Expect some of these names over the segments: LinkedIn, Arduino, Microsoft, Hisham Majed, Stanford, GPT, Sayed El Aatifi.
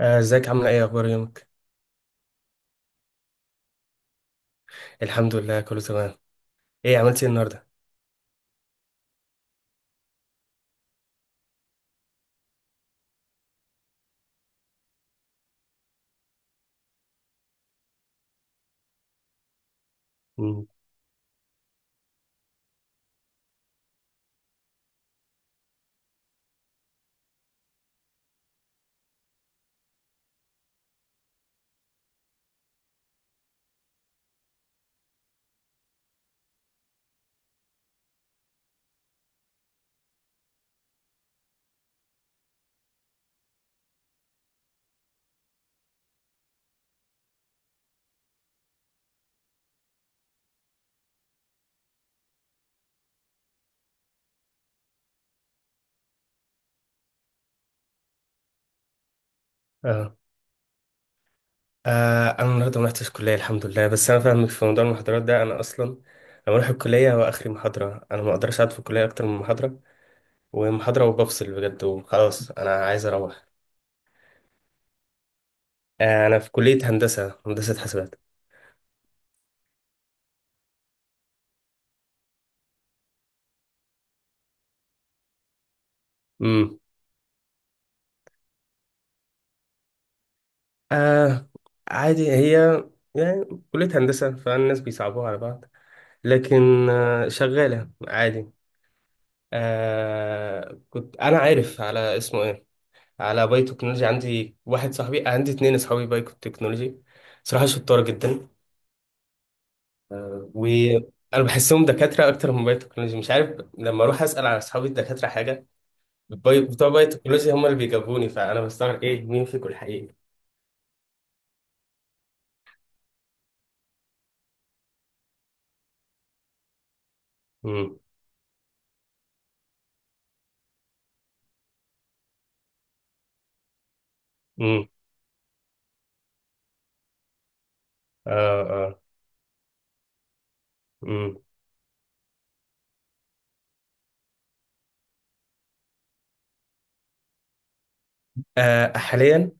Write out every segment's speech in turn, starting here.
ازيك، عاملة ايه، اخبار يومك؟ الحمد لله، كله تمام. عملت ايه النهاردة؟ مم. اه. انا النهاردة ما رحتش الكلية الحمد لله، بس انا فاهمك في موضوع المحاضرات ده. انا اصلا لما اروح الكلية هو اخري محاضرة، انا ما اقدرش اقعد في الكلية اكتر من محاضرة ومحاضرة وبفصل بجد وخلاص انا عايز اروح. انا في كلية هندسة، هندسة حاسبات. امم. آه عادي هي، يعني كلية هندسة فالناس بيصعبوها على بعض، لكن شغالة عادي. كنت انا عارف على اسمه ايه، على باي تكنولوجي. عندي واحد صاحبي، عندي اتنين اصحابي باي تكنولوجي، صراحه شطار جدا. وانا بحسهم دكاتره اكتر من باي تكنولوجي، مش عارف، لما اروح اسال على اصحابي الدكاتره حاجه، باي بتوع باي تكنولوجي هم اللي بيجاوبوني، فانا بستغرب ايه، مين فيكم الحقيقي؟ امم. امم. اه. اه. امم. حاليا،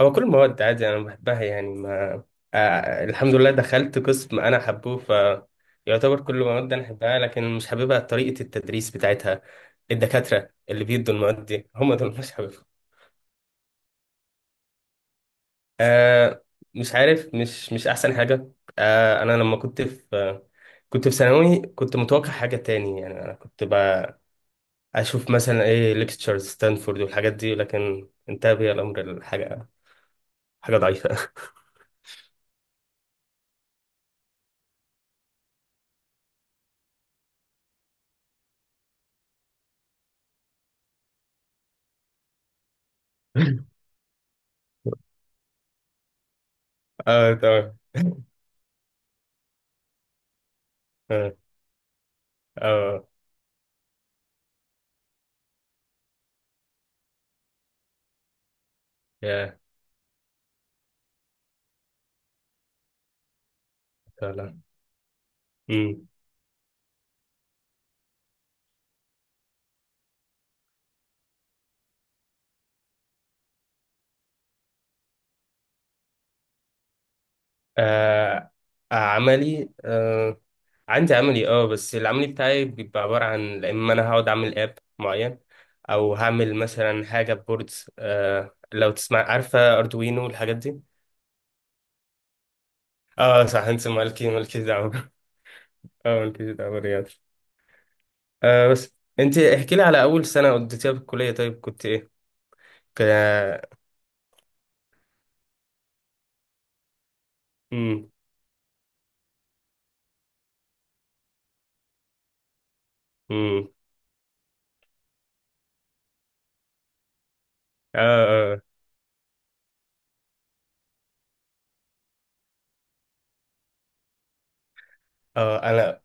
هو كل المواد عادي انا بحبها، يعني ما الحمد لله دخلت قسم انا حبه، ف يعتبر كل المواد انا احبها، لكن مش حاببها طريقة التدريس بتاعتها. الدكاترة اللي بيدوا المواد دي هم دول مش حاببهم. آه مش عارف، مش احسن حاجة. انا لما كنت في، كنت في ثانوي، كنت متوقع حاجة تاني، يعني انا كنت بقى اشوف مثلا ايه، ليكتشرز ستانفورد والحاجات دي، لكن انتهى بي الامر حاجة ضعيفة. اه تمام. اه. آه. يا فعلا. امم. آه عملي آه، عندي عملي. اه بس العملي بتاعي بيبقى عبارة عن اما انا هقعد اعمل اب معين، او هعمل مثلا حاجة بوردز. لو تسمع، عارفة اردوينو والحاجات دي؟ اه صح، انت مالكي دعوة. اه، مالكي دعوة رياض. بس انت احكي لي على اول سنة قضيتيها في الكلية، طيب كنت ايه؟ ك... امم. امم. اه. اه. آه، انا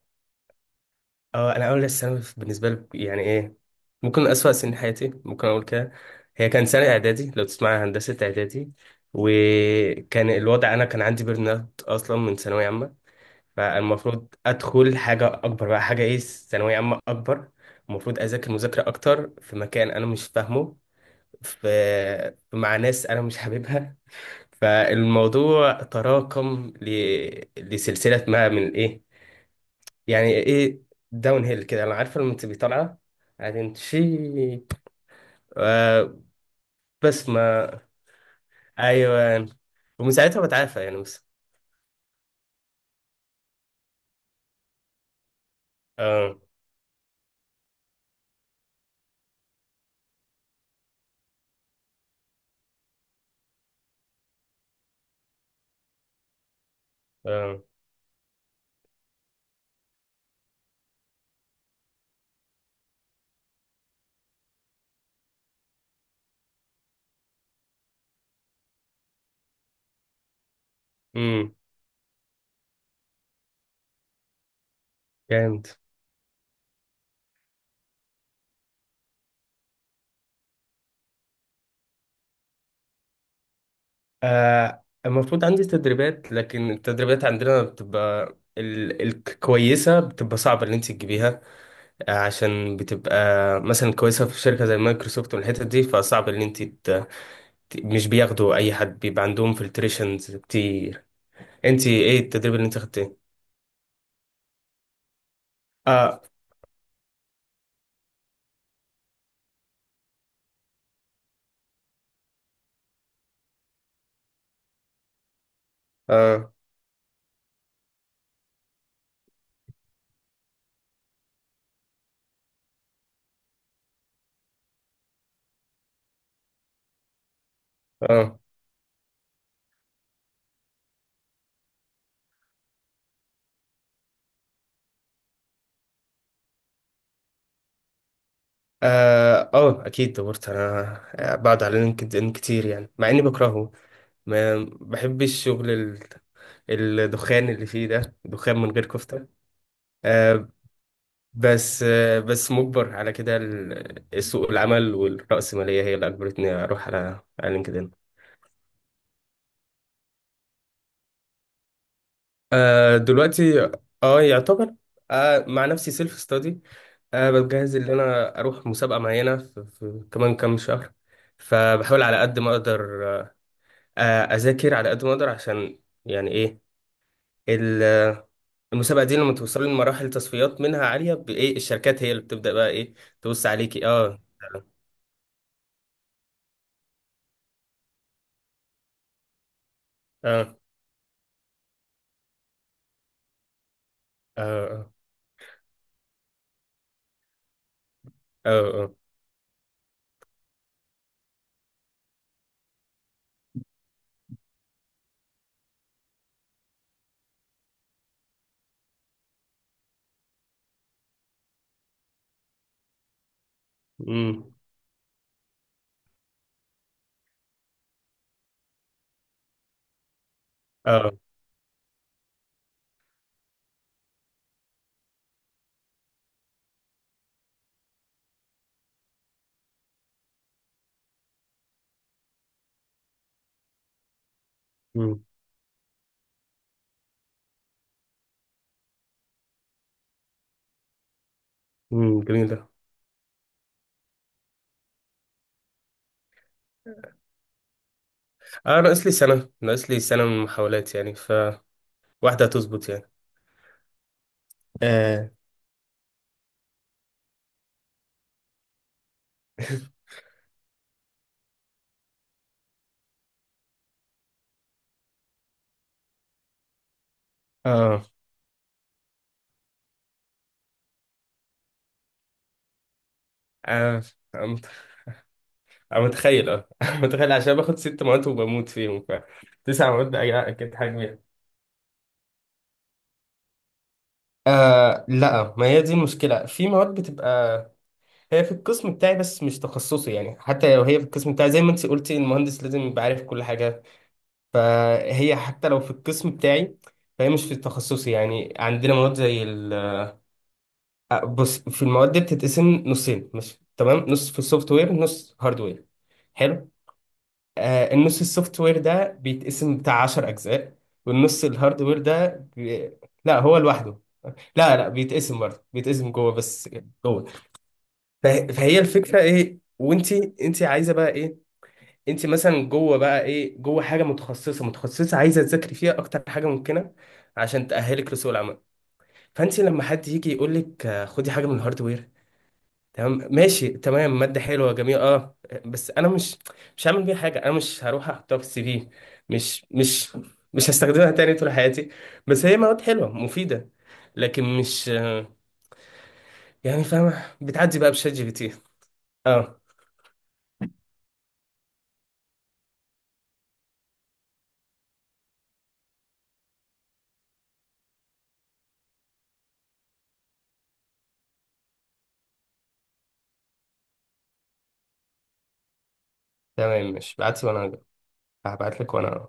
اه انا اول الثانوي بالنسبه لي، يعني ايه، ممكن اسوأ سنين حياتي، ممكن اقول كده. هي كان سنه اعدادي، لو تسمع، هندسه اعدادي. وكان الوضع، انا كان عندي بيرن اوت اصلا من ثانويه عامه، فالمفروض ادخل حاجه اكبر بقى، حاجه ايه، ثانويه عامه اكبر، المفروض اذاكر مذاكره اكتر في مكان انا مش فاهمه، في مع ناس انا مش حاببها. فالموضوع تراكم لسلسله ما من ايه، يعني ايه، داون هيل كده، انا عارفه لما تبقي طالعه بعدين تشي. آه بس ما ايوه، ومن ساعتها بتعافى يعني بس. اه. اه. امم. جامد. المفروض عندي تدريبات، لكن التدريبات عندنا بتبقى الكويسة بتبقى صعبة اللي انت تجيبيها، عشان بتبقى مثلا كويسة في شركة زي مايكروسوفت والحتت دي، فصعب اللي انت مش بياخدوا اي حد، بيبقى عندهم فلتريشنز كتير. انت ايه التدريب اللي انت خدتيه؟ اه. اه. اه. اه. اكيد دورت انا بعد على لينكد ان كتير، يعني مع اني بكرهه، ما بحبش الشغل، الدخان اللي فيه ده دخان من غير كفتة. آه بس مجبر على كده، سوق العمل والرأسمالية هي اللي اجبرتني اروح على لينكد ان. دلوقتي، اه يعتبر مع نفسي سيلف ستادي. أنا بجهز إن أنا أروح مسابقة معينة في كمان كام شهر، فبحاول على قد ما أقدر، آه، أذاكر على قد ما أقدر عشان يعني إيه، ال- المسابقة دي لما توصلي لمراحل تصفيات منها عالية بإيه الشركات هي اللي بتبدأ بقى إيه، تبص عليكي. أه. أه. أه. أه. أه. أمم. أه. أمم. أمم، جميلة. أه ناقص لي سنة، من المحاولات، يعني فواحدة هتظبط يعني. آه. آه. آه. أنا متخيل متخيل عشان باخد ست مواد وبموت فيهم، ف تسع مواد بقى أكيد حاجة بيها. لا، ما هي دي المشكلة، في مواد بتبقى هي في القسم بتاعي، بس مش تخصصي. يعني حتى لو هي في القسم بتاعي، زي ما انت قلتي، المهندس لازم يبقى عارف كل حاجة، فهي حتى لو في القسم بتاعي، فهي مش في تخصصي. يعني عندنا مواد زي ال بص، في المواد دي بتتقسم نصين مش تمام، نص في السوفت وير، نص هاردوير. حلو. النص السوفت وير ده بيتقسم بتاع 10 اجزاء، والنص الهاردوير ده بي... لا هو لوحده. لا لا، بيتقسم برضه، بيتقسم جوه بس. جوه. فهي الفكره ايه، وانت انت عايزه بقى ايه، انت مثلا جوه بقى ايه، جوه حاجه متخصصه عايزه تذاكري فيها اكتر حاجه ممكنه عشان تاهلك لسوق العمل. فانت لما حد يجي يقول لك خدي حاجه من الهاردوير، تمام ماشي تمام، مادة حلوة جميلة، اه، بس انا مش هعمل بيها حاجة، انا مش هروح احطها في السي في، مش مش مش هستخدمها تاني طول حياتي. بس هي مواد حلوة مفيدة، لكن مش. يعني فاهمة، بتعدي بقى بشات جي بي تي. اه تمام، مش بعتي وانا هبعت لك وانا